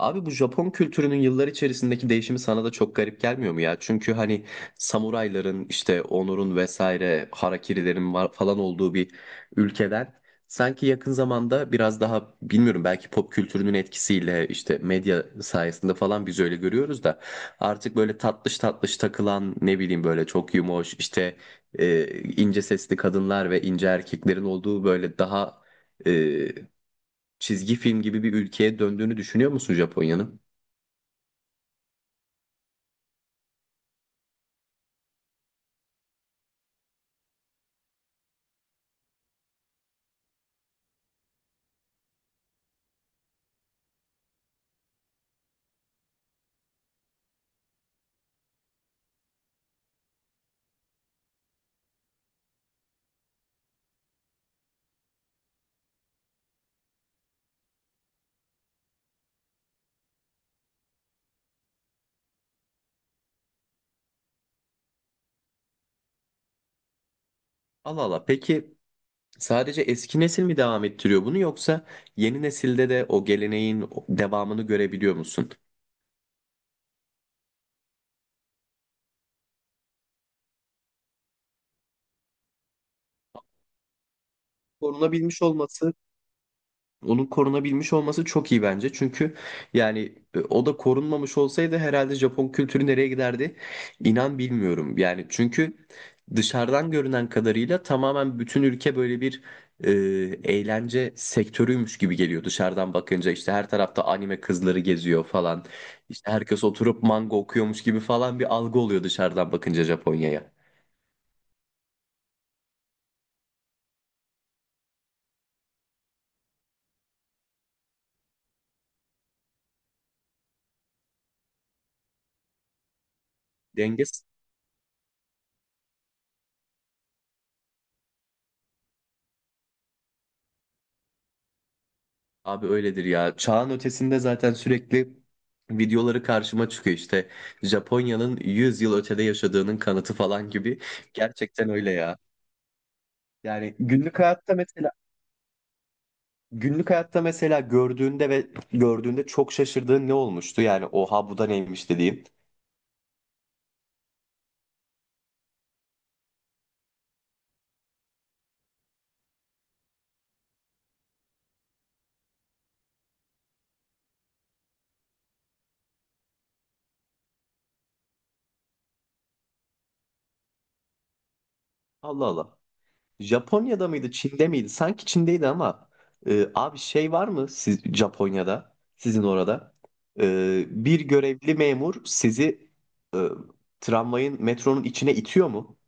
Abi bu Japon kültürünün yıllar içerisindeki değişimi sana da çok garip gelmiyor mu ya? Çünkü hani samurayların işte onurun vesaire harakirilerin var falan olduğu bir ülkeden sanki yakın zamanda biraz daha bilmiyorum belki pop kültürünün etkisiyle işte medya sayesinde falan biz öyle görüyoruz da artık böyle tatlış tatlış takılan ne bileyim böyle çok yumoş işte ince sesli kadınlar ve ince erkeklerin olduğu böyle daha çizgi film gibi bir ülkeye döndüğünü düşünüyor musun Japonya'nın? Allah Allah. Peki sadece eski nesil mi devam ettiriyor bunu yoksa yeni nesilde de o geleneğin devamını görebiliyor musun? Korunabilmiş olması Onun korunabilmiş olması çok iyi bence. Çünkü yani o da korunmamış olsaydı herhalde Japon kültürü nereye giderdi? İnan bilmiyorum. Yani çünkü dışarıdan görünen kadarıyla tamamen bütün ülke böyle bir e, eğlence sektörüymüş gibi geliyor dışarıdan bakınca. İşte her tarafta anime kızları geziyor falan. İşte herkes oturup manga okuyormuş gibi falan bir algı oluyor dışarıdan bakınca Japonya'ya. Denge Abi öyledir ya. Çağın ötesinde zaten sürekli videoları karşıma çıkıyor işte. Japonya'nın 100 yıl ötede yaşadığının kanıtı falan gibi. Gerçekten öyle ya. Yani günlük hayatta mesela gördüğünde gördüğünde çok şaşırdığın ne olmuştu? Yani oha bu da neymiş dediğin. Allah Allah. Japonya'da mıydı, Çin'de miydi? Sanki Çin'deydi ama abi şey var mı siz Japonya'da, sizin orada? Bir görevli memur sizi e, tramvayın, metronun içine itiyor mu?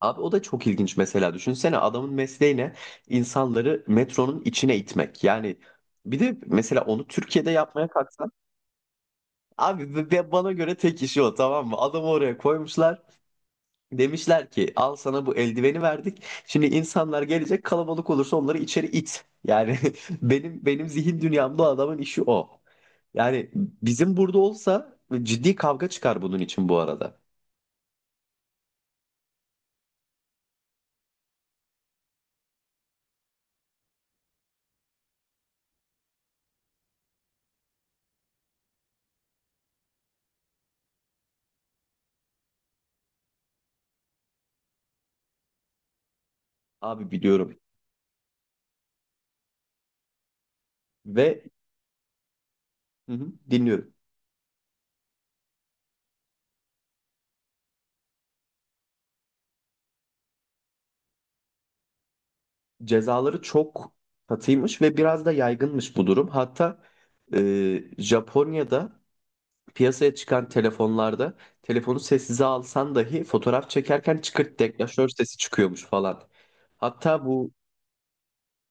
Abi o da çok ilginç mesela. Düşünsene adamın mesleği ne? İnsanları metronun içine itmek. Yani bir de mesela onu Türkiye'de yapmaya kalksan abi ve bana göre tek işi o, tamam mı? Adamı oraya koymuşlar. Demişler ki al sana bu eldiveni verdik. Şimdi insanlar gelecek, kalabalık olursa onları içeri it. Yani benim zihin dünyamda o adamın işi o. Yani bizim burada olsa ciddi kavga çıkar bunun için bu arada. Abi biliyorum ve hı hı, dinliyorum. Cezaları çok katıymış ve biraz da yaygınmış bu durum. Hatta Japonya'da piyasaya çıkan telefonlarda telefonu sessize alsan dahi fotoğraf çekerken çıkırt deklanşör sesi çıkıyormuş falan. Hatta bu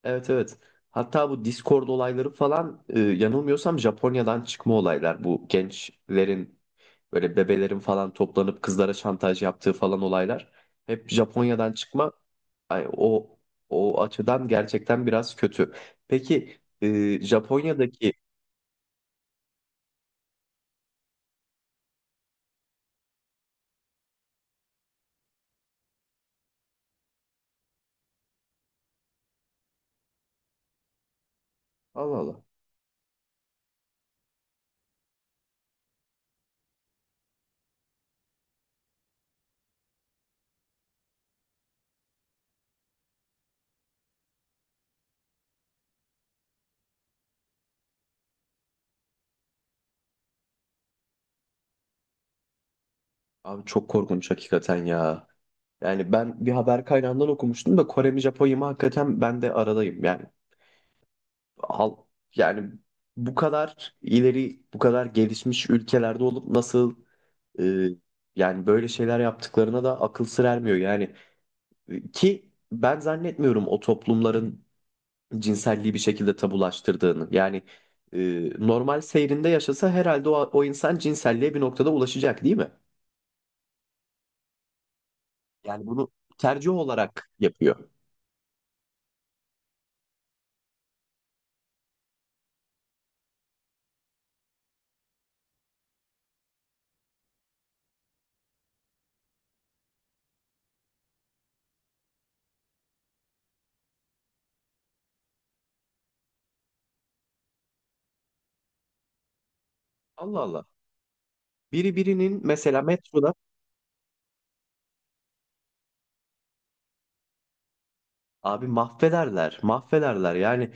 evet, evet. Hatta bu Discord olayları falan yanılmıyorsam Japonya'dan çıkma olaylar. Bu gençlerin böyle bebelerin falan toplanıp kızlara şantaj yaptığı falan olaylar hep Japonya'dan çıkma. Ay, o açıdan gerçekten biraz kötü. Peki e, Japonya'daki Allah Allah. Abi çok korkunç hakikaten ya. Yani ben bir haber kaynağından okumuştum da Kore mi Japonya mı hakikaten ben de aradayım. Yani al, yani bu kadar ileri, bu kadar gelişmiş ülkelerde olup nasıl e, yani böyle şeyler yaptıklarına da akıl sır ermiyor. Yani ki ben zannetmiyorum o toplumların cinselliği bir şekilde tabulaştırdığını. Yani normal seyrinde yaşasa herhalde o insan cinselliğe bir noktada ulaşacak değil mi? Yani bunu tercih olarak yapıyor. Allah Allah. Biri birinin mesela metroda Abi mahvederler, mahvederler. Yani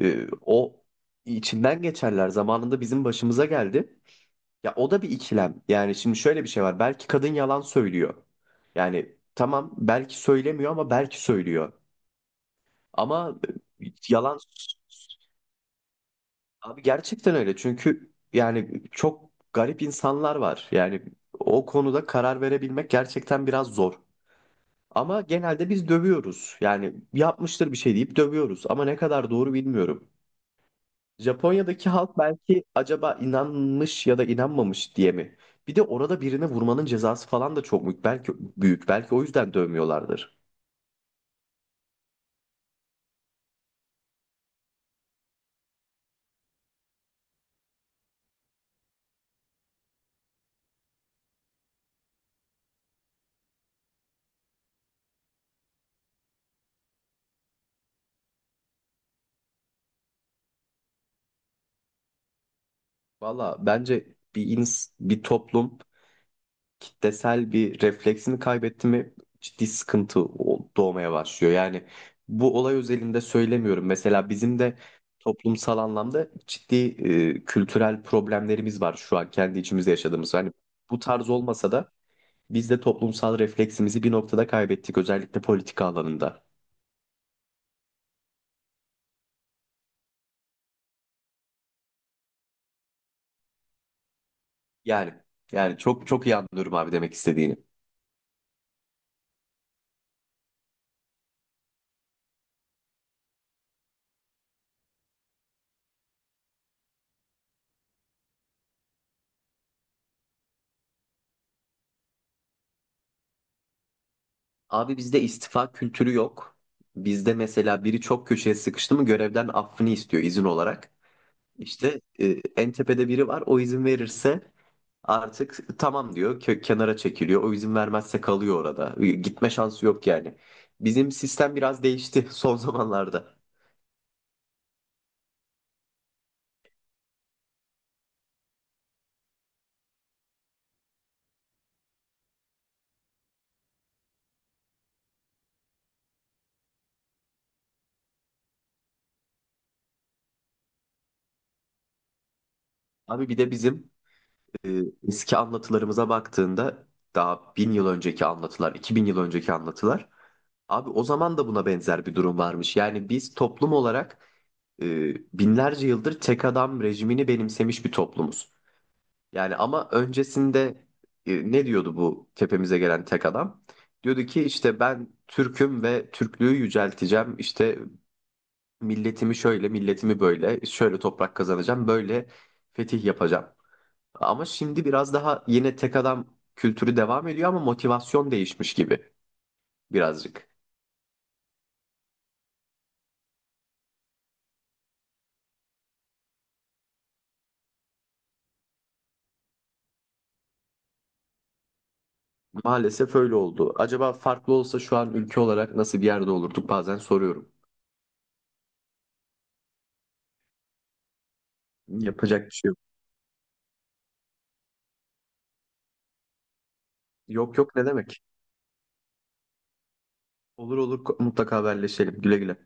o içinden geçerler. Zamanında bizim başımıza geldi. Ya o da bir ikilem. Yani şimdi şöyle bir şey var. Belki kadın yalan söylüyor. Yani tamam belki söylemiyor ama belki söylüyor. Ama e, yalan abi gerçekten öyle. Çünkü yani çok garip insanlar var. Yani o konuda karar verebilmek gerçekten biraz zor. Ama genelde biz dövüyoruz. Yani yapmıştır bir şey deyip dövüyoruz. Ama ne kadar doğru bilmiyorum. Japonya'daki halk belki acaba inanmış ya da inanmamış diye mi? Bir de orada birine vurmanın cezası falan da çok büyük. Belki o yüzden dövmüyorlardır. Valla bence bir toplum kitlesel bir refleksini kaybetti mi ciddi sıkıntı doğmaya başlıyor. Yani bu olay özelinde söylemiyorum. Mesela bizim de toplumsal anlamda ciddi kültürel problemlerimiz var şu an kendi içimizde yaşadığımız. Hani bu tarz olmasa da biz de toplumsal refleksimizi bir noktada kaybettik, özellikle politika alanında. Yani yani çok çok iyi anlıyorum abi demek istediğini. Abi bizde istifa kültürü yok. Bizde mesela biri çok köşeye sıkıştı mı görevden affını istiyor izin olarak. İşte en tepede biri var, o izin verirse artık tamam diyor, kenara çekiliyor. O izin vermezse kalıyor orada. Gitme şansı yok yani. Bizim sistem biraz değişti son zamanlarda. Abi bir de bizim e, eski anlatılarımıza baktığında daha 1000 yıl önceki anlatılar, 2000 yıl önceki anlatılar. Abi o zaman da buna benzer bir durum varmış. Yani biz toplum olarak binlerce yıldır tek adam rejimini benimsemiş bir toplumuz. Yani ama öncesinde ne diyordu bu tepemize gelen tek adam? Diyordu ki işte ben Türk'üm ve Türklüğü yücelteceğim. İşte milletimi şöyle, milletimi böyle, şöyle toprak kazanacağım, böyle fetih yapacağım. Ama şimdi biraz daha yine tek adam kültürü devam ediyor ama motivasyon değişmiş gibi birazcık. Maalesef öyle oldu. Acaba farklı olsa şu an ülke olarak nasıl bir yerde olurduk bazen soruyorum. Yapacak bir şey yok. Yok yok, ne demek? Olur olur, mutlaka haberleşelim. Güle güle.